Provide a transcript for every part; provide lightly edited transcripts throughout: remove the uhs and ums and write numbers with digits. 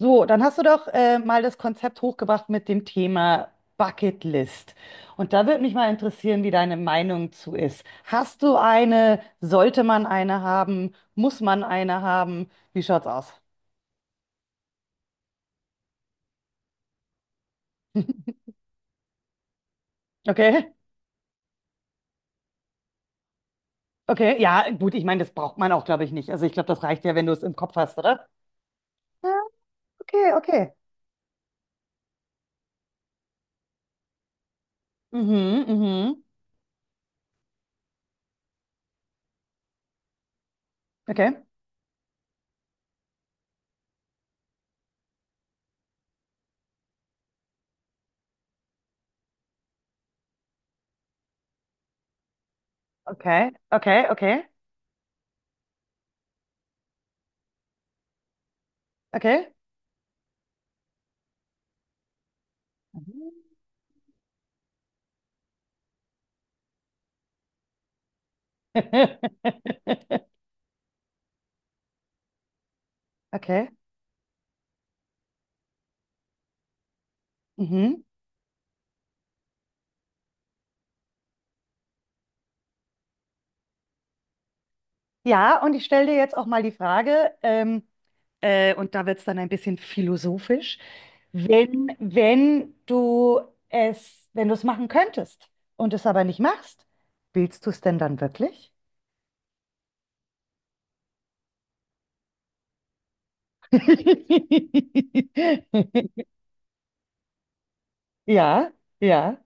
So, dann hast du doch mal das Konzept hochgebracht mit dem Thema Bucketlist. Und da würde mich mal interessieren, wie deine Meinung zu ist. Hast du eine? Sollte man eine haben? Muss man eine haben? Wie schaut's aus? Okay, okay, ja, gut, ich meine, das braucht man auch, glaube ich, nicht. Also ich glaube, das reicht ja, wenn du es im Kopf hast, oder? Ah, okay, okay. Mhm, mhm. Okay, okay, okay, okay, okay. Mhm. Okay. Mhm. Ja, und ich stelle dir jetzt auch mal die Frage, und da wird es dann ein bisschen philosophisch, wenn du wenn du es machen könntest und es aber nicht machst, willst du es denn dann wirklich? Ja, ja,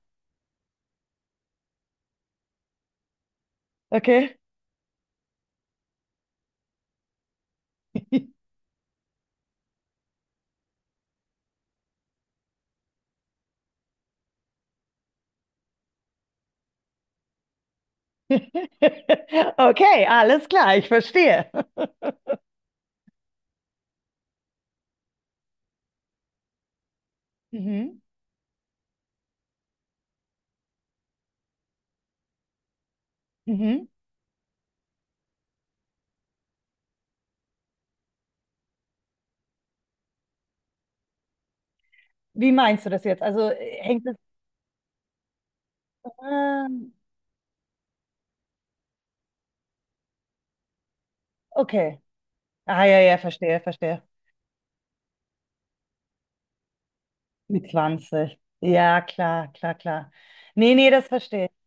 okay. Okay, alles klar, ich verstehe. Mhm, mhm. Wie meinst du das jetzt? Also hängt es. Ah, okay. Ah, ja, ja, verstehe, verstehe. Mit 20, ja, klar, klar, klar. Nee, nee, das verstehe ich.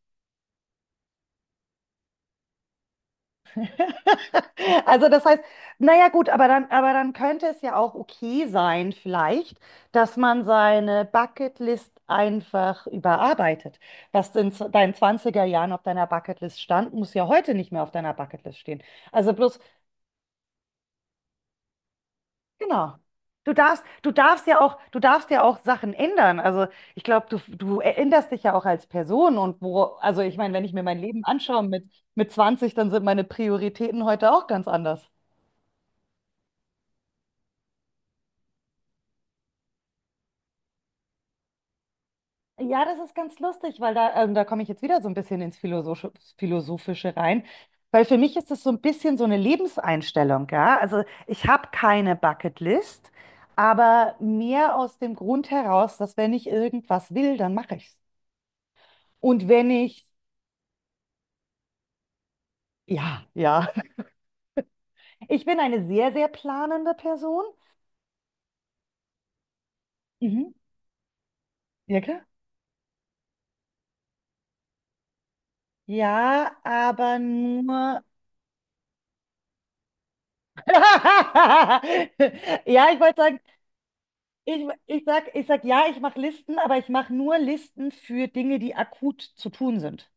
Also das heißt, naja gut, aber dann könnte es ja auch okay sein, vielleicht, dass man seine Bucketlist einfach überarbeitet. Was in deinen zwanziger Jahren auf deiner Bucketlist stand, muss ja heute nicht mehr auf deiner Bucketlist stehen. Also bloß, genau. Du darfst ja auch, du darfst ja auch Sachen ändern. Also ich glaube, du änderst dich ja auch als Person und wo, also ich meine, wenn ich mir mein Leben anschaue mit 20, dann sind meine Prioritäten heute auch ganz anders. Ja, das ist ganz lustig, weil da, da komme ich jetzt wieder so ein bisschen ins Philosophische rein, weil für mich ist das so ein bisschen so eine Lebenseinstellung, ja. Also ich habe keine Bucketlist, aber mehr aus dem Grund heraus, dass wenn ich irgendwas will, dann mache ich es. Und wenn ich ja, ja. Ich bin eine sehr, sehr planende Person. Mhm. Ja, klar. Ja, aber nur. Ja, ich wollte sagen, ich sag ja, ich mache Listen, aber ich mache nur Listen für Dinge, die akut zu tun sind.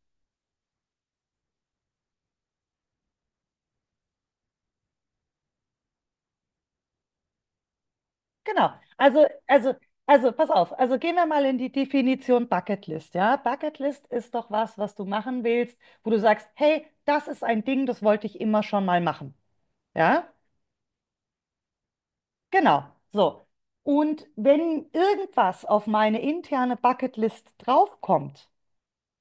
Genau. Also, also, also, pass auf. Also gehen wir mal in die Definition Bucketlist, ja? Bucketlist ist doch was, was du machen willst, wo du sagst, hey, das ist ein Ding, das wollte ich immer schon mal machen. Ja? Genau, so. Und wenn irgendwas auf meine interne Bucketlist draufkommt,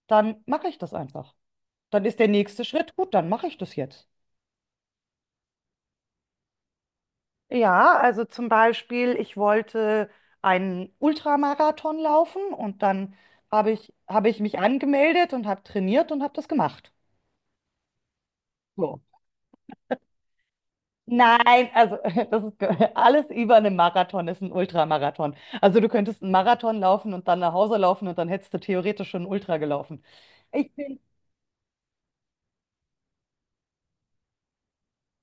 dann mache ich das einfach. Dann ist der nächste Schritt, gut, dann mache ich das jetzt. Ja, also zum Beispiel, ich wollte einen Ultramarathon laufen und dann habe ich mich angemeldet und habe trainiert und habe das gemacht. So. Nein, also das ist alles über einen Marathon ist ein Ultramarathon. Also du könntest einen Marathon laufen und dann nach Hause laufen und dann hättest du theoretisch schon einen Ultra gelaufen. Ich bin,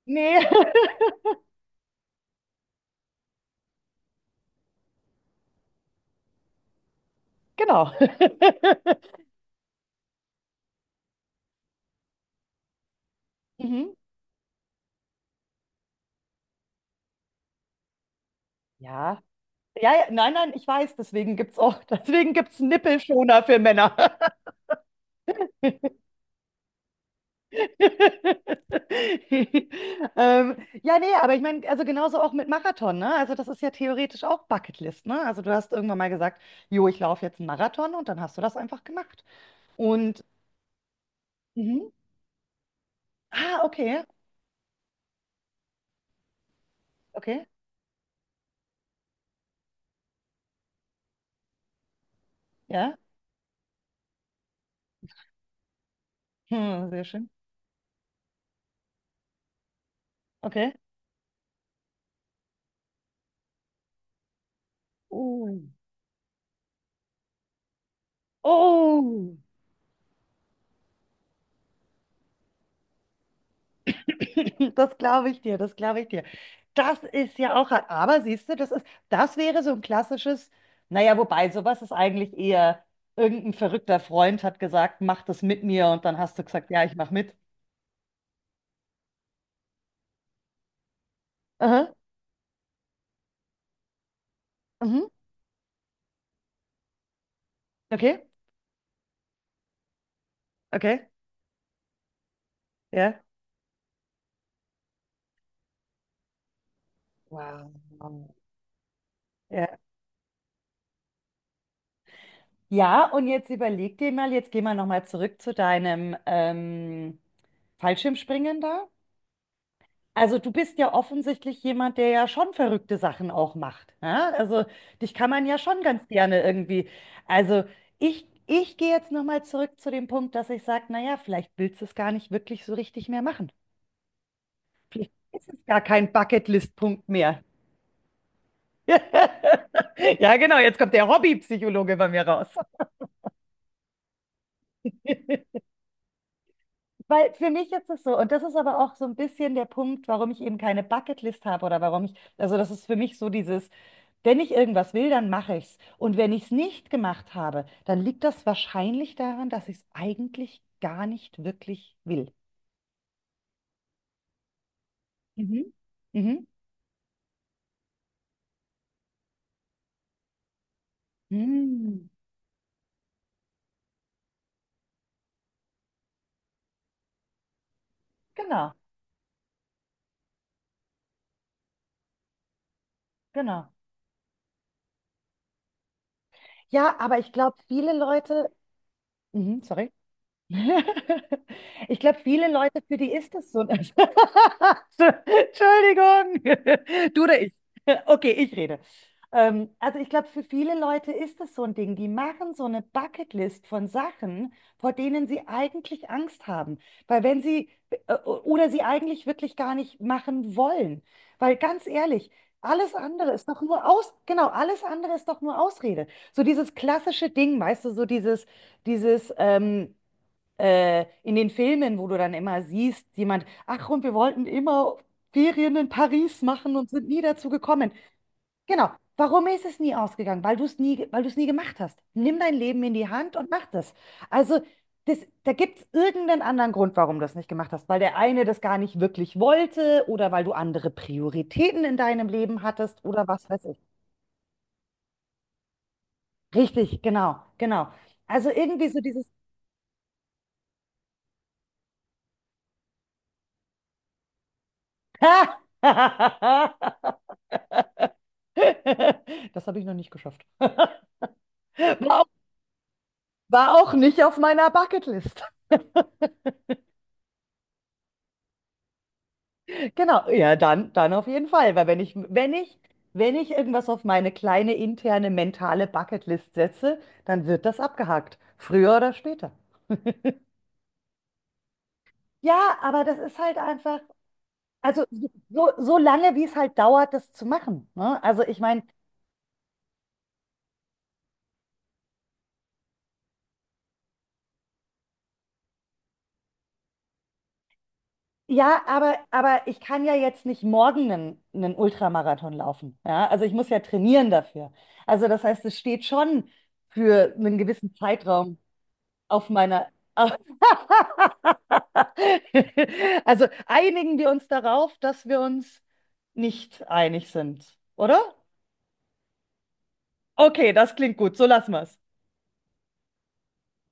nee, genau. Mhm. Ja. Ja, ja, nein, nein, ich weiß, deswegen gibt's auch, deswegen gibt's Nippelschoner für Männer. Ähm, ja, nee, aber ich meine, also genauso auch mit Marathon, ne? Also das ist ja theoretisch auch Bucketlist, ne? Also du hast irgendwann mal gesagt, jo, ich laufe jetzt einen Marathon und dann hast du das einfach gemacht. Und, mhm. Ah, okay, okay, ja, hm, sehr schön, okay. Oh, oh. Das glaube ich dir, das glaube ich dir. Das ist ja auch, aber siehst du, das ist, das wäre so ein klassisches, naja, wobei sowas ist eigentlich eher, irgendein verrückter Freund hat gesagt, mach das mit mir und dann hast du gesagt, ja, ich mach mit. Aha, mhm. Okay, okay, ja. Wow. Ja. Ja, und jetzt überleg dir mal, jetzt gehen wir nochmal zurück zu deinem Fallschirmspringen da. Also du bist ja offensichtlich jemand, der ja schon verrückte Sachen auch macht. Ja? Also dich kann man ja schon ganz gerne irgendwie. Also ich gehe jetzt nochmal zurück zu dem Punkt, dass ich sage, naja, vielleicht willst du es gar nicht wirklich so richtig mehr machen. Vielleicht ist es gar kein Bucketlist-Punkt mehr. Ja, genau, jetzt kommt der Hobbypsychologe bei mir raus. Weil für mich ist es so, und das ist aber auch so ein bisschen der Punkt, warum ich eben keine Bucketlist habe oder warum ich, also das ist für mich so dieses, wenn ich irgendwas will, dann mache ich's. Und wenn ich es nicht gemacht habe, dann liegt das wahrscheinlich daran, dass ich es eigentlich gar nicht wirklich will. Mhm. Mhm. Mhm. Genau, genau. Ja, aber ich glaube, viele Leute, mhm, sorry. Ich glaube, viele Leute, für die ist das so. Entschuldigung. Du oder ich? Okay, ich rede. Also ich glaube, für viele Leute ist das so ein Ding. Die machen so eine Bucketlist von Sachen, vor denen sie eigentlich Angst haben. Weil wenn sie oder sie eigentlich wirklich gar nicht machen wollen. Weil ganz ehrlich, alles andere ist doch nur genau, alles andere ist doch nur Ausrede. So dieses klassische Ding, weißt du, so dieses, in den Filmen, wo du dann immer siehst, jemand, ach, und wir wollten immer Ferien in Paris machen und sind nie dazu gekommen. Genau. Warum ist es nie ausgegangen? Weil du es nie, weil du es nie gemacht hast. Nimm dein Leben in die Hand und mach das. Also, das, da gibt es irgendeinen anderen Grund, warum du das nicht gemacht hast. Weil der eine das gar nicht wirklich wollte oder weil du andere Prioritäten in deinem Leben hattest oder was weiß ich. Richtig, genau, genau. Also irgendwie so dieses. Das habe ich noch nicht geschafft. War auch, war auch nicht auf meiner Bucketlist. Genau, ja, dann, dann auf jeden Fall, weil wenn ich irgendwas auf meine kleine interne mentale Bucketlist setze, dann wird das abgehakt, früher oder später. Ja, aber das ist halt einfach, also so, so lange, wie es halt dauert, das zu machen. Ne? Also ich meine, ja, aber ich kann ja jetzt nicht morgen einen, einen Ultramarathon laufen. Ja? Also ich muss ja trainieren dafür. Also das heißt, es steht schon für einen gewissen Zeitraum auf meiner... Auf also einigen wir uns darauf, dass wir uns nicht einig sind, oder? Okay, das klingt gut. So lassen wir es.